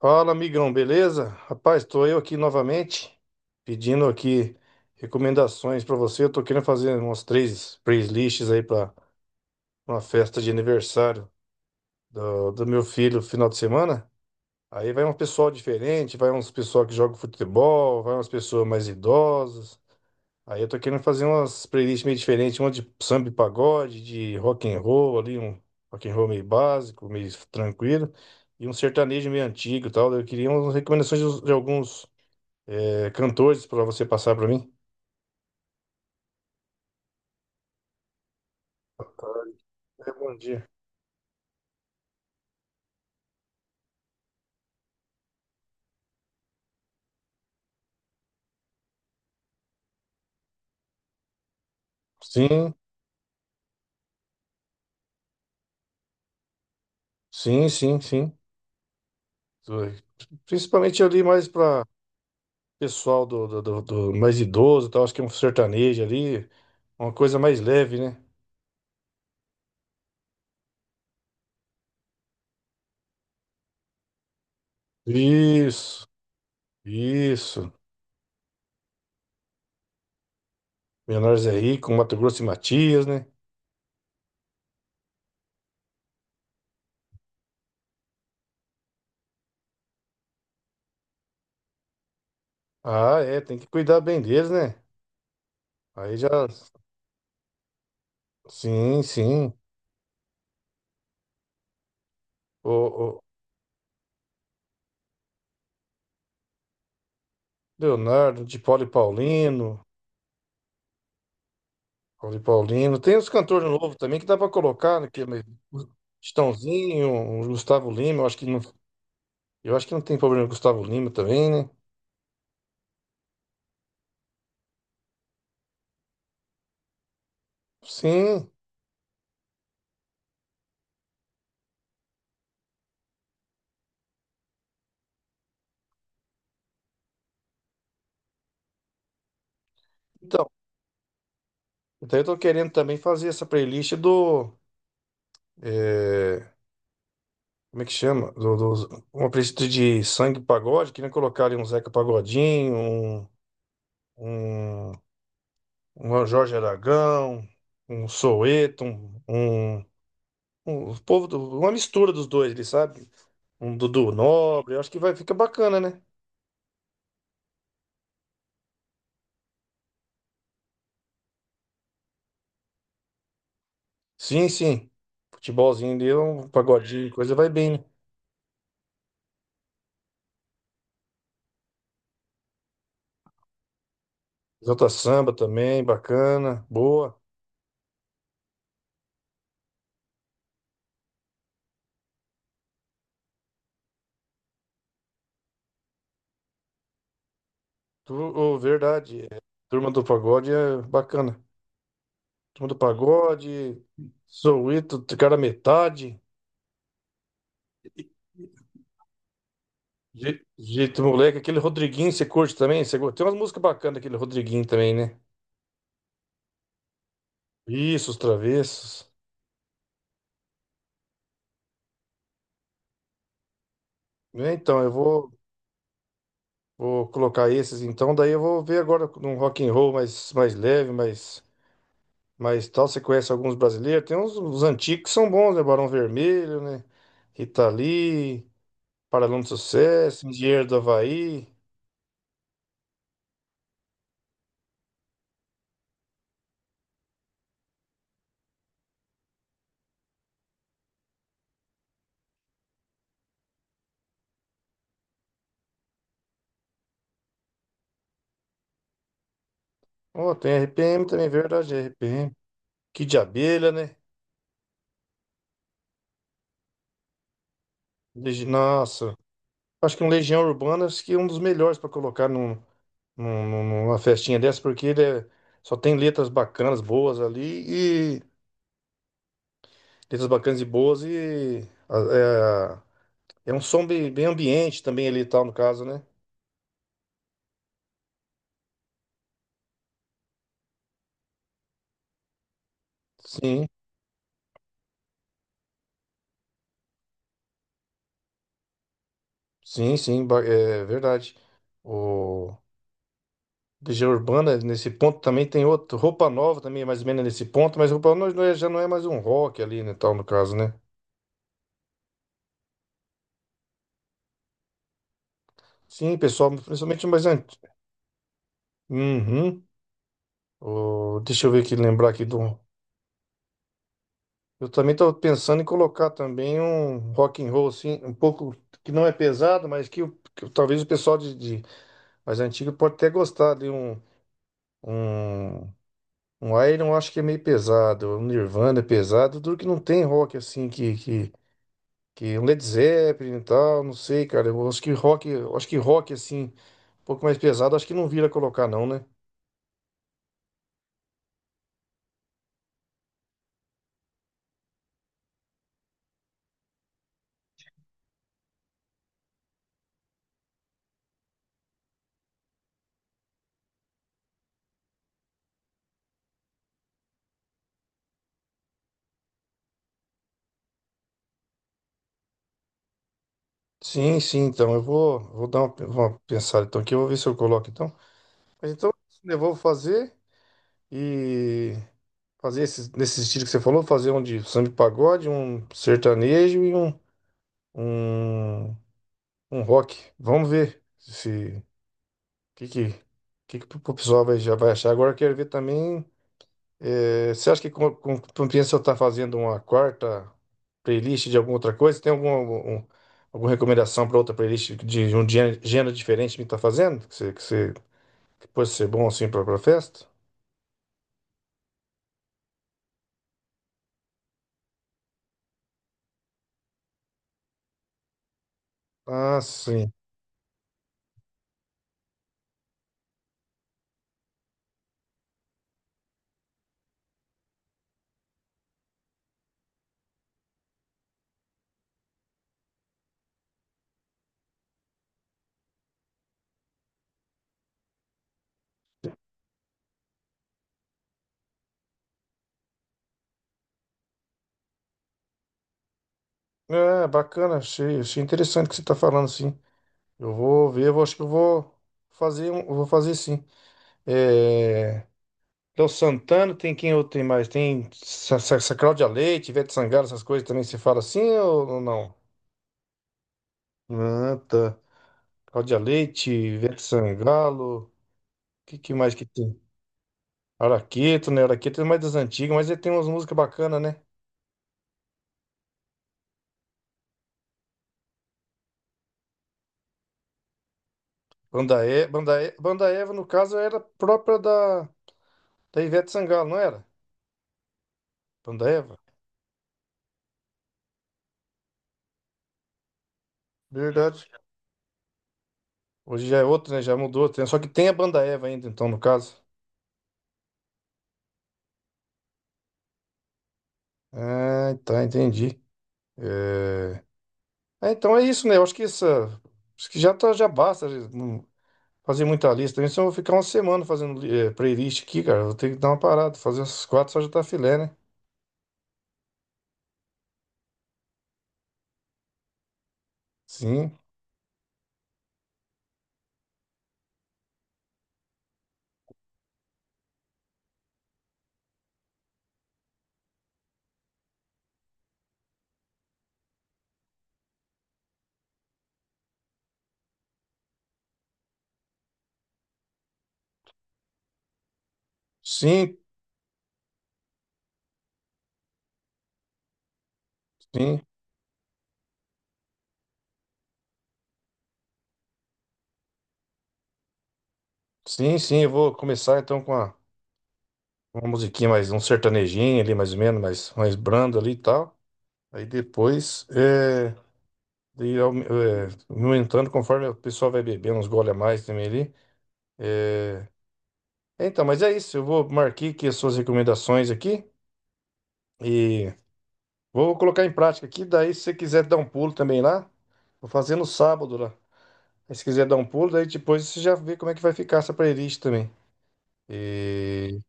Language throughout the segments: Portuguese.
Fala, amigão, beleza? Rapaz, estou eu aqui novamente pedindo aqui recomendações para você. Eu tô querendo fazer umas três playlists aí para uma festa de aniversário do meu filho final de semana. Aí vai um pessoal diferente, vai uns pessoal que joga futebol, vai umas pessoas mais idosas. Aí eu tô querendo fazer umas playlists meio diferentes, uma de samba e pagode, de rock and roll ali, um rock and roll meio básico, meio tranquilo, e um sertanejo meio antigo e tal. Eu queria umas recomendações de alguns cantores para você passar para mim. É, bom dia. Sim, sim. Principalmente ali mais para pessoal do mais idoso, e tal. Acho que é um sertanejo ali, uma coisa mais leve, né? Isso, isso. Menores aí com Mato Grosso e Matias, né? Ah, é, tem que cuidar bem deles, né? Aí já. Sim, sim. O, o Leonardo, de Paulo e Paulino, Paulo e Paulino. Tem os cantores novos também que dá pra colocar, né? Que é Chitãozinho, o Gustavo Lima, eu acho que não, eu acho que não tem problema com o Gustavo Lima também, né? Sim. Então, então eu tô querendo também fazer essa playlist do. é, Como é que chama? Uma playlist de sangue pagode, queria colocar ali um Zeca Pagodinho, um, um Jorge Aragão, um Soweto, um povo do- uma mistura dos dois, ele sabe? Um Dudu Nobre, eu acho que vai ficar bacana, né? Sim, sim. Futebolzinho ali, um pagodinho, coisa vai bem, né? Exalta Samba também, bacana, boa. Tu, ô, verdade, é, Turma do Pagode é bacana. Turma do Pagode, Soweto, cara metade. Jeito moleque, aquele Rodriguinho você curte também? Você... Tem umas músicas bacanas daquele Rodriguinho também, né? Isso, os travessos. É, então, eu vou, vou colocar esses então, daí eu vou ver agora num rock and roll mais leve, mais tal. Você conhece alguns brasileiros? Tem uns antigos que são bons, né? Barão Vermelho, né? Rita Lee, Paralama do Sucesso, Engenheiro do Havaí. Oh, tem RPM também, é verdade, RPM. Kid de Abelha, né? Nossa, acho que um Legião Urbana acho que é um dos melhores para colocar numa festinha dessa, porque só tem letras bacanas, boas ali, e letras bacanas e boas, é, é um som bem, bem ambiente também ali e tal, no caso, né? Sim, sim, ba- é verdade. O Legião Urbana, nesse ponto, também tem outro, Roupa Nova também, é mais ou menos nesse ponto, mas Roupa Nova não é- já não é mais um rock ali, né, tal, no caso, né? Sim, pessoal, principalmente mais antes. Uhum. Deixa eu ver aqui, lembrar aqui do. Eu também estou pensando em colocar também um rock and roll, assim, um pouco que não é pesado, mas talvez o pessoal de mais antigo pode até gostar de um, um Iron, eu acho que é meio pesado, um Nirvana é pesado, tudo que não tem rock, assim, que um Led Zeppelin e tal, não sei, cara, eu acho que rock, eu acho que rock, assim, um pouco mais pesado, acho que não vira colocar não, né? Sim, sim, então eu vou, vou dar uma pensada então aqui, eu vou ver se eu coloco então. Mas então, eu vou fazer e... Fazer esses, nesse estilo que você falou, fazer um de samba e pagode, um sertanejo e um, um rock. Vamos ver se que que, que o pessoal vai, já vai achar. Agora eu quero ver também. Você acha que compensa eu estar fazendo uma quarta playlist de alguma outra coisa? Tem um, alguma recomendação para outra playlist de um gênero diferente que está fazendo? Que pode ser bom assim para a festa? Ah, sim. É, bacana, achei, achei interessante o que você está falando, sim. Eu vou ver, acho que eu vou fazer, eu vou fazer sim. É, Léo Santana, tem quem outro tem mais? Tem Cláudia Leite, Ivete Sangalo, essas coisas também se fala assim ou não? Ah, tá. Cláudia Leite, Ivete Sangalo, o que mais que tem? Araqueto, né? Araqueto é mais das antigas, mas ele tem umas músicas bacanas, né? Banda Eva, no caso, era própria da... da Ivete Sangalo, não era? Banda Eva? Verdade. Hoje já é outro, né? Já mudou. Tem- Só que tem a banda Eva ainda, então, no caso. Ah, tá, entendi. É... ah, então é isso, né? Eu acho que essa. Acho que já tá, já basta já não fazer muita lista. Também se eu vou ficar uma semana fazendo playlist aqui, cara. Eu vou ter que dar uma parada. Fazer essas quatro só já tá filé, né? Sim, sim, sim, sim. Eu vou começar então com uma musiquinha mais, um sertanejinho ali, mais ou menos, mais brando ali e tal. Aí depois. E é, aumentando conforme o pessoal vai bebendo, uns gole a mais também ali. É, é, então, mas é isso. Eu vou marquei aqui as suas recomendações aqui e vou colocar em prática aqui. Daí, se você quiser dar um pulo também lá, vou fazer no sábado lá. Aí, se quiser dar um pulo, daí depois você já vê como é que vai ficar essa playlist também. E...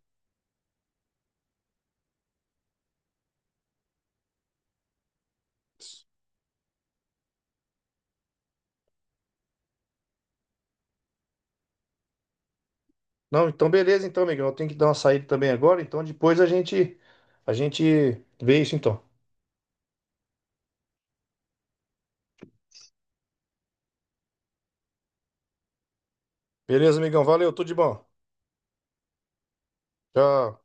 Não, então beleza, então, amigão. Eu tenho que dar uma saída também agora. Então, depois a gente vê isso, então. Beleza, amigão. Valeu, tudo de bom. Tchau.